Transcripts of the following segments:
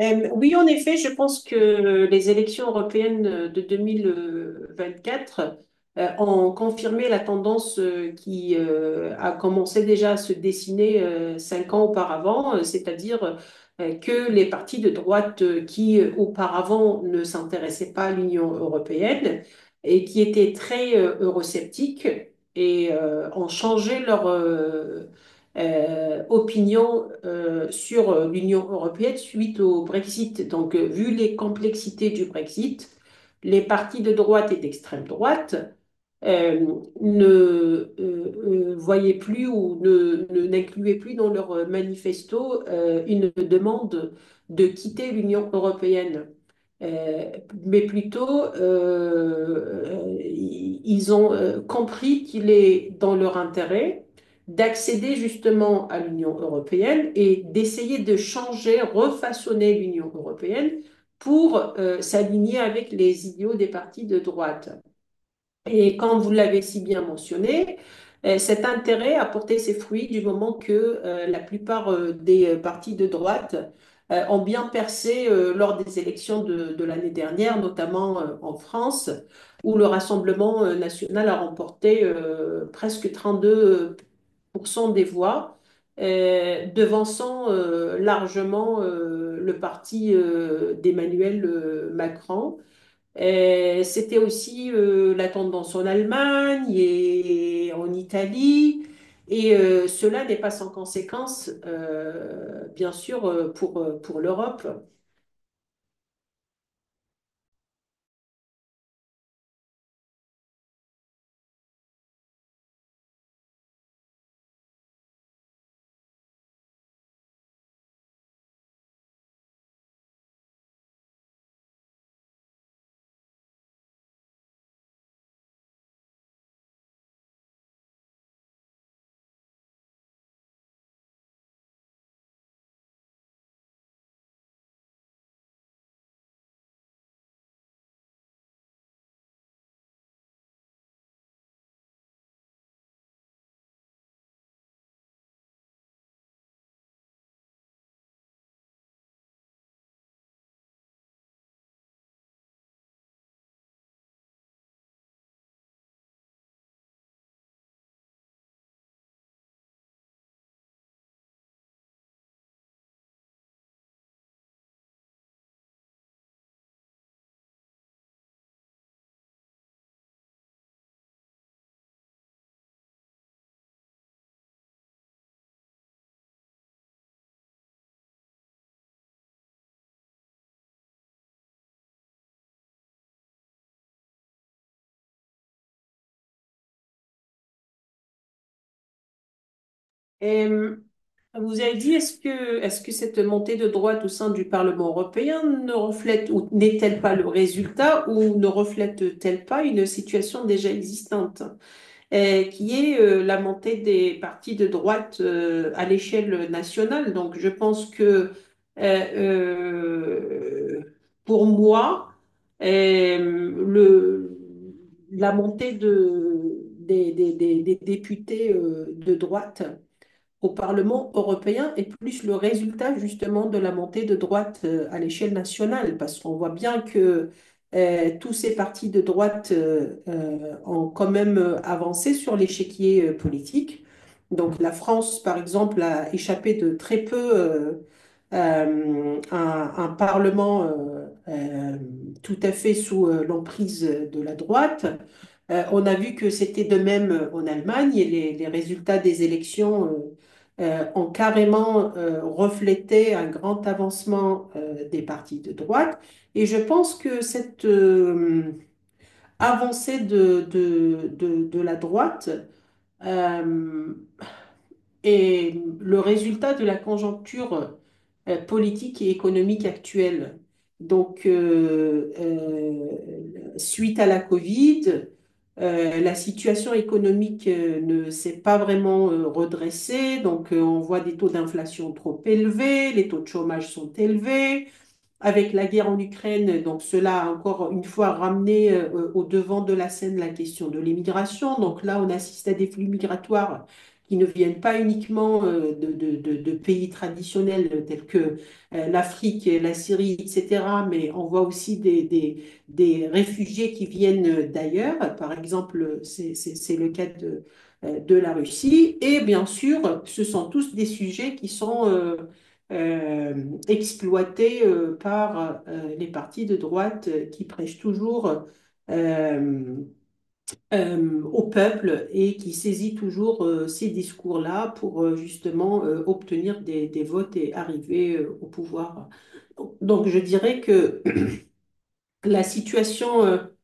Oui, en effet, je pense que les élections européennes de 2024 ont confirmé la tendance qui a commencé déjà à se dessiner cinq ans auparavant, c'est-à-dire que les partis de droite qui auparavant ne s'intéressaient pas à l'Union européenne et qui étaient très eurosceptiques et ont changé leur opinion sur l'Union européenne suite au Brexit. Donc, vu les complexités du Brexit, les partis de droite et d'extrême droite euh, ne voyaient plus ou n'incluaient plus dans leurs manifestos une demande de quitter l'Union européenne. Euh, mais plutôt, ils ont compris qu'il est dans leur intérêt d'accéder justement à l'Union européenne et d'essayer de changer, refaçonner l'Union européenne pour s'aligner avec les idéaux des partis de droite. Et comme vous l'avez si bien mentionné, cet intérêt a porté ses fruits du moment que la plupart des partis de droite ont bien percé lors des élections de l'année dernière, notamment en France, où le Rassemblement national a remporté presque 32% des voix, devançant largement le parti d'Emmanuel Macron. C'était aussi la tendance en Allemagne et en Italie. Et cela n'est pas sans conséquence, bien sûr, pour pour l'Europe. Et, euh, Vous avez dit, est-ce que cette montée de droite au sein du Parlement européen ne reflète ou n'est-elle pas le résultat ou ne reflète-t-elle pas une situation déjà existante? Qui est la montée des partis de droite à l'échelle nationale. Donc, je pense que euh, euh, pour moi, euh, le, la montée des des- députés de droite au Parlement européen est plus le résultat justement de la montée de droite à l'échelle nationale, parce qu'on voit bien que tous ces partis de droite ont quand même avancé sur l'échiquier politique. Donc la France, par exemple, a échappé de très peu à un parlement tout à fait sous l'emprise de la droite. On a vu que c'était de même en Allemagne et les résultats des élections ont carrément reflété un grand avancement des partis de droite. Et je pense que cette avancée de la droite euh, est le résultat de la conjoncture politique et économique actuelle. Donc, suite à la Covid, la situation économique ne s'est pas vraiment redressée. Donc, on voit des taux d'inflation trop élevés, les taux de chômage sont élevés avec la guerre en Ukraine, donc cela a encore une fois ramené au devant de la scène la question de l'immigration. Donc là, on assiste à des flux migratoires qui ne viennent pas uniquement de pays traditionnels tels que l'Afrique, la Syrie, etc., mais on voit aussi des réfugiés qui viennent d'ailleurs. Par exemple, c'est le cas de la Russie. Et bien sûr, ce sont tous des sujets qui sont... euh, exploité par les partis de droite qui prêchent toujours euh, au peuple et qui saisit toujours ces discours-là pour justement obtenir des votes et arriver au pouvoir. Donc je dirais que la situation... euh,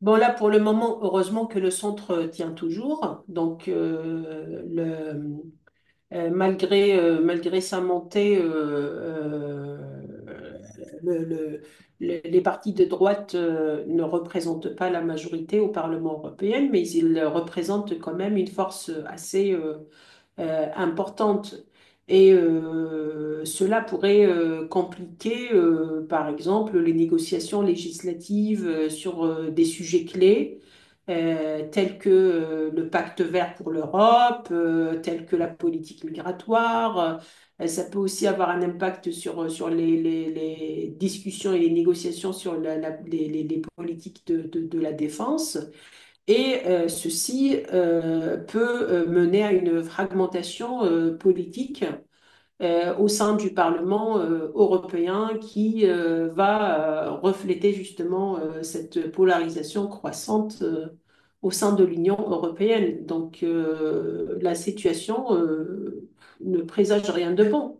Bon, là, pour le moment, heureusement que le centre tient toujours. Donc, malgré sa montée, euh, le- le- les partis de droite ne représentent pas la majorité au Parlement européen, mais ils représentent quand même une force assez, importante. Et cela pourrait compliquer, par exemple, les négociations législatives sur des sujets clés, tels que le pacte vert pour l'Europe, tels que la politique migratoire. Ça peut aussi avoir un impact sur les discussions et les négociations sur les politiques de la défense. Et ceci peut mener à une fragmentation politique au sein du Parlement européen qui va refléter justement cette polarisation croissante au sein de l'Union européenne. Donc la situation ne présage rien de bon.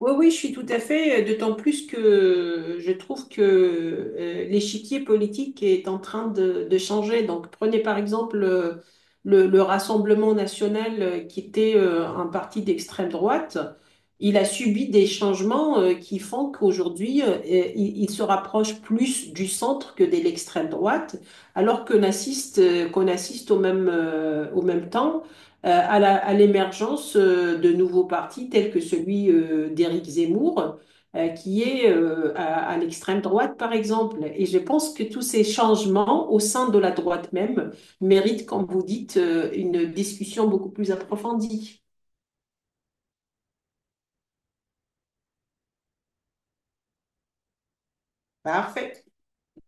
Oui, oui, je suis tout à fait, d'autant plus que je trouve que l'échiquier politique est en train de changer. Donc, prenez par exemple le Rassemblement national qui était un parti d'extrême droite. Il a subi des changements qui font qu'aujourd'hui, il se rapproche plus du centre que de l'extrême droite, alors qu'on assiste au au même temps à à l'émergence de nouveaux partis tels que celui d'Éric Zemmour, qui est à l'extrême droite, par exemple. Et je pense que tous ces changements au sein de la droite même méritent, comme vous dites, une discussion beaucoup plus approfondie. Parfait.